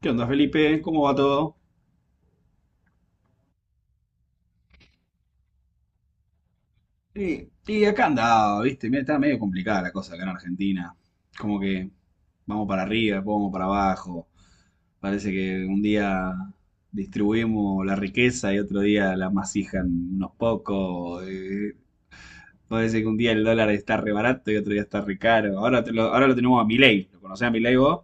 ¿Qué onda, Felipe? ¿Cómo va todo? Y acá andaba, ¿viste? Mira, está medio complicada la cosa acá en Argentina. Como que vamos para arriba, después vamos para abajo. Parece que un día distribuimos la riqueza y otro día la masijan unos pocos. Parece que un día el dólar está re barato y otro día está re caro. Ahora, ahora lo tenemos a Milei. ¿Lo conocés a Milei vos?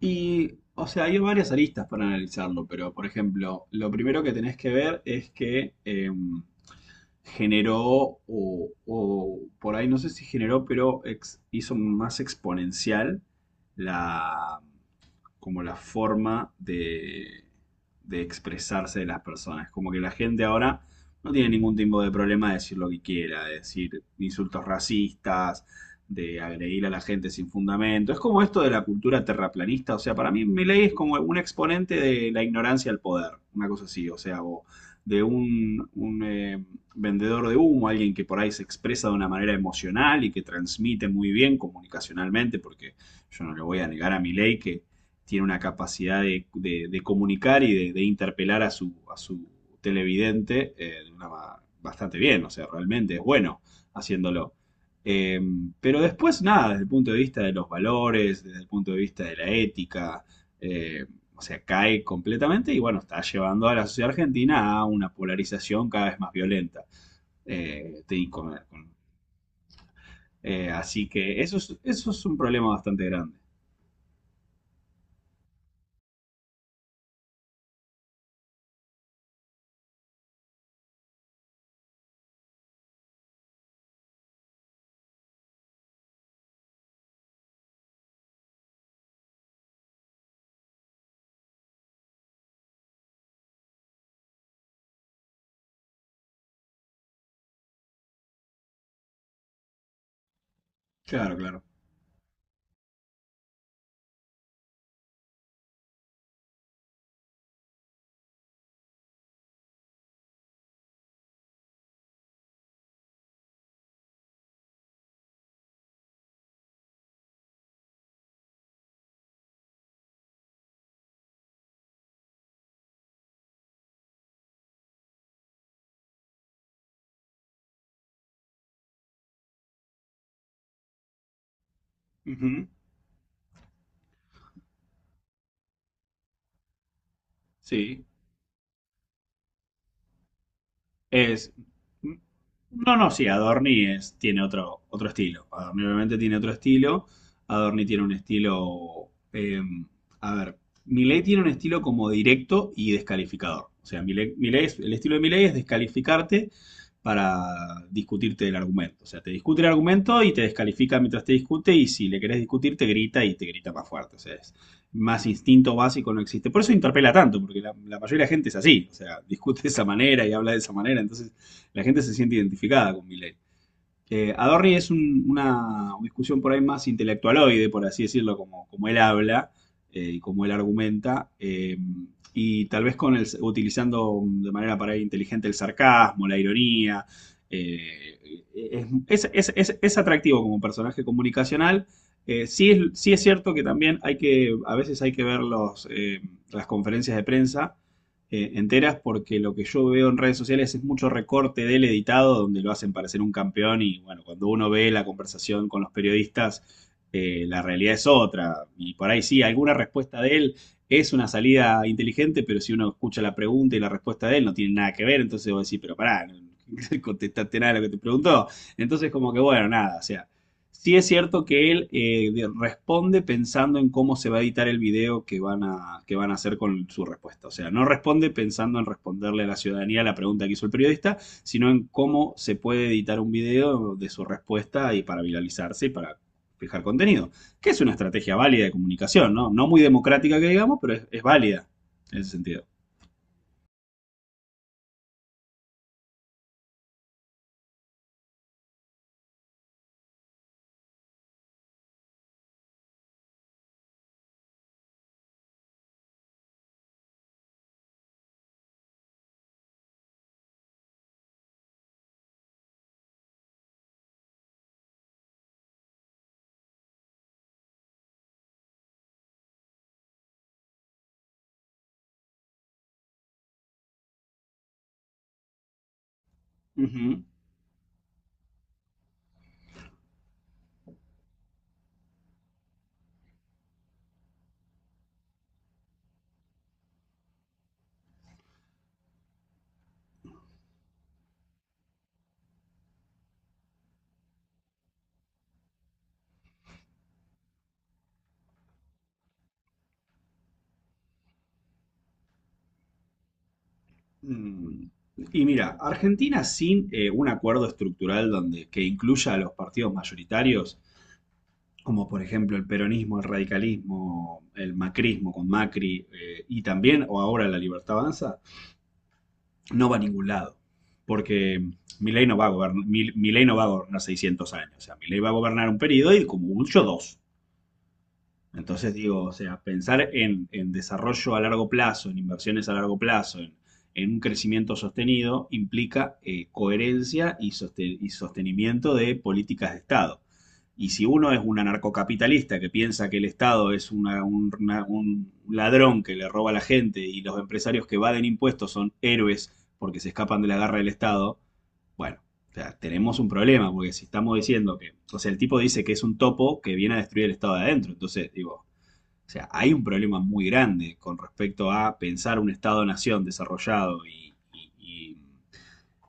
Y, o sea, hay varias aristas para analizarlo, pero, por ejemplo, lo primero que tenés que ver es que generó, o por ahí no sé si generó, pero hizo más exponencial la, como la forma de expresarse de las personas. Como que la gente ahora no tiene ningún tipo de problema de decir lo que quiera, de decir insultos racistas, de agredir a la gente sin fundamento. Es como esto de la cultura terraplanista. O sea, para mí Milei es como un exponente de la ignorancia al poder, una cosa así. O sea, o de un vendedor de humo, alguien que por ahí se expresa de una manera emocional y que transmite muy bien comunicacionalmente, porque yo no le voy a negar a Milei que tiene una capacidad de comunicar y de interpelar a su televidente bastante bien, o sea, realmente es bueno haciéndolo. Eh, pero después, nada, desde el punto de vista de los valores, desde el punto de vista de la ética, eh, o sea, cae completamente y bueno, está llevando a la sociedad argentina a una polarización cada vez más violenta. eh, de- con- con- Así que eso es un problema bastante grande. Claro, claro. Ujú. Sí. Es. No, no, sí, tiene otro estilo. Adorni obviamente tiene otro estilo. Adorni tiene un estilo. A ver, Milei tiene un estilo como directo y descalificador. O sea, el estilo de Milei es descalificarte para discutirte el argumento. O sea, te discute el argumento y te descalifica mientras te discute y si le querés discutir te grita y te grita más fuerte. O sea, más instinto básico no existe. Por eso interpela tanto, porque mayoría de la gente es así, o sea, discute de esa manera y habla de esa manera, entonces la gente se siente identificada con Milei. Adorni una discusión por ahí más intelectualoide, por así decirlo, como él habla y como él argumenta, y tal vez con utilizando de manera para ahí inteligente el sarcasmo, la ironía. eh, es atractivo como personaje comunicacional. Sí, sí es cierto que también a veces hay que ver las conferencias de prensa enteras porque lo que yo veo en redes sociales es mucho recorte del editado donde lo hacen parecer un campeón y bueno, cuando uno ve la conversación con los periodistas, la realidad es otra. Y por ahí sí, alguna respuesta de él es una salida inteligente, pero si uno escucha la pregunta y la respuesta de él no tiene nada que ver, entonces vos decís, pero pará, no no contestaste nada de lo que te preguntó. Entonces como que bueno, nada, o sea, sí es cierto que él responde pensando en cómo se va a editar el video que van a hacer con su respuesta. O sea, no responde pensando en responderle a la ciudadanía la pregunta que hizo el periodista, sino en cómo se puede editar un video de su respuesta y para viralizarse y para fijar contenido. Que es una estrategia válida de comunicación, ¿no? No muy democrática que digamos, pero es válida en ese sentido. Ujú. Mm. Y mira, Argentina sin un acuerdo estructural que incluya a los partidos mayoritarios como por ejemplo el peronismo, el radicalismo, el macrismo con Macri y también, o ahora la libertad avanza, no va a ningún lado. Porque Milei no va a gobernar, Milei no va a gobernar 600 años. O sea, Milei va a gobernar un periodo y como mucho dos. Entonces digo, o sea, pensar en, desarrollo a largo plazo, en inversiones a largo plazo, en un crecimiento sostenido, implica coherencia y sostenimiento de políticas de Estado. Y si uno es un anarcocapitalista que piensa que el Estado es un ladrón que le roba a la gente y los empresarios que evaden impuestos son héroes porque se escapan de la garra del Estado, bueno, o sea, tenemos un problema, porque si estamos diciendo que, o sea, el tipo dice que es un topo que viene a destruir el Estado de adentro, entonces digo, o sea, hay un problema muy grande con respecto a pensar un Estado-nación desarrollado y, y- y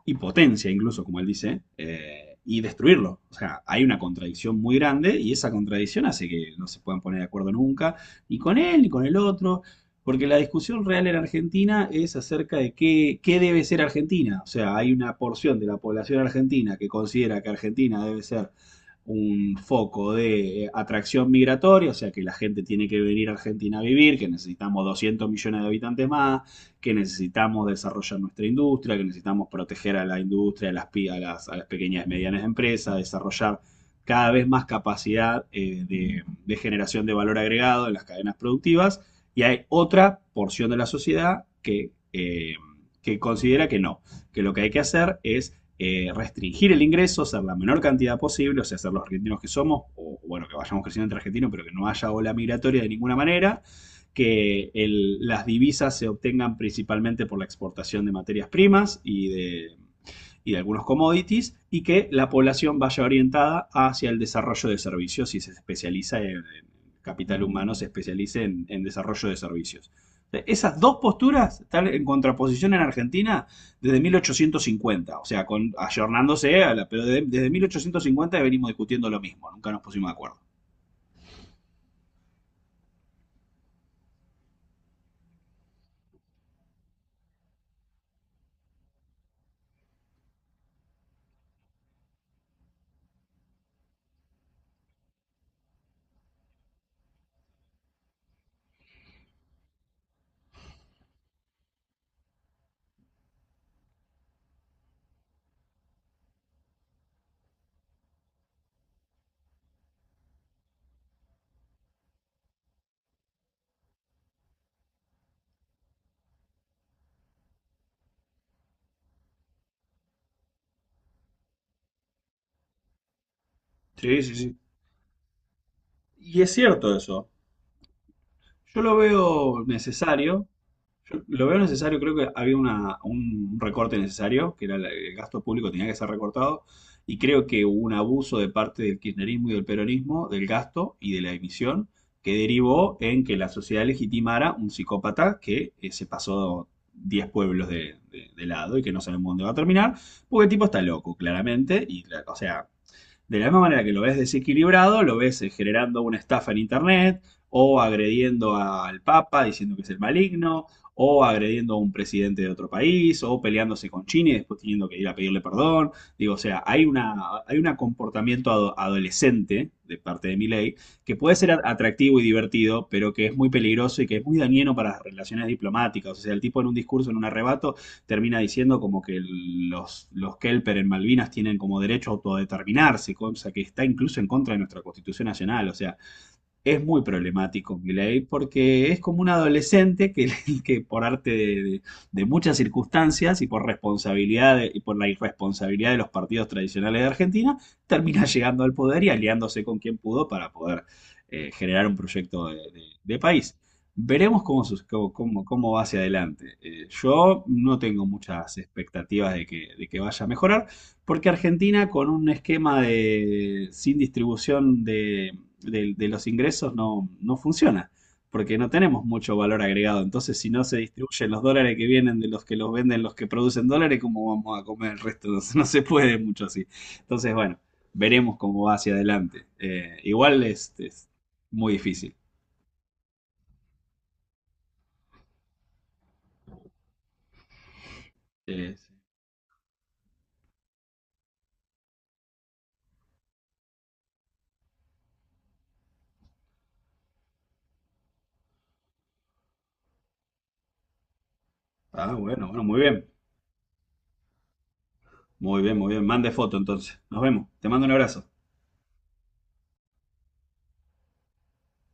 y potencia incluso, como él dice, y destruirlo. O sea, hay una contradicción muy grande y esa contradicción hace que no se puedan poner de acuerdo nunca, ni con él ni con el otro, porque la discusión real en Argentina es acerca de qué debe ser Argentina. O sea, hay una porción de la población argentina que considera que Argentina debe ser un foco de atracción migratoria, o sea que la gente tiene que venir a Argentina a vivir, que necesitamos 200 millones de habitantes más, que necesitamos desarrollar nuestra industria, que necesitamos proteger a la industria, a las pequeñas y medianas empresas, desarrollar cada vez más capacidad de generación de valor agregado en las cadenas productivas, y hay otra porción de la sociedad que considera que no, que lo que hay que hacer es restringir el ingreso, ser la menor cantidad posible, o sea, ser los argentinos que somos, o bueno, que vayamos creciendo entre argentinos, pero que no haya ola migratoria de ninguna manera, que las divisas se obtengan principalmente por la exportación de materias primas y de, algunos commodities, y que la población vaya orientada hacia el desarrollo de servicios y se especializa en, capital humano, se especialice en desarrollo de servicios. Esas dos posturas están en contraposición en Argentina desde 1850, o sea, con, ayornándose, a la, pero de- desde 1850 venimos discutiendo lo mismo, nunca nos pusimos de acuerdo. Sí, sí, sí. Y es cierto eso. Yo lo veo necesario. Yo lo veo necesario, creo que había un recorte necesario, que era el gasto público tenía que ser recortado, y creo que hubo un abuso de parte del kirchnerismo y del peronismo del gasto y de la emisión, que derivó en que la sociedad legitimara un psicópata que se pasó 10 pueblos de lado y que no sabemos dónde va a terminar, porque el tipo está loco, claramente, y o sea, de la misma manera que lo ves desequilibrado, lo ves generando una estafa en Internet o agrediendo al Papa diciendo que es el maligno o agrediendo a un presidente de otro país o peleándose con China y después teniendo que ir a pedirle perdón. Digo, o sea, hay un comportamiento adolescente de parte de Milei que puede ser atractivo y divertido, pero que es muy peligroso y que es muy dañino para las relaciones diplomáticas. O sea, el tipo en un discurso, en un arrebato, termina diciendo como que los Kelper en Malvinas tienen como derecho a autodeterminarse, cosa que está incluso en contra de nuestra Constitución Nacional. O sea, es muy problemático Milei porque es como un adolescente que, que por arte de muchas circunstancias y por responsabilidad y por la irresponsabilidad de los partidos tradicionales de Argentina, termina llegando al poder y aliándose con quien pudo para poder generar un proyecto de país. Veremos cómo, sus- cómo, cómo- cómo va hacia adelante. Yo no tengo muchas expectativas de que, vaya a mejorar, porque Argentina con un esquema sin distribución de los ingresos no funciona, porque no tenemos mucho valor agregado. Entonces, si no se distribuyen los dólares que vienen de los que los venden, los que producen dólares, ¿cómo vamos a comer el resto? No se puede mucho así. Entonces, bueno, veremos cómo va hacia adelante. Igual es muy difícil. Eh, bueno, bueno, muy bien. Muy bien, muy bien. Mande foto entonces. Nos vemos. Te mando un abrazo.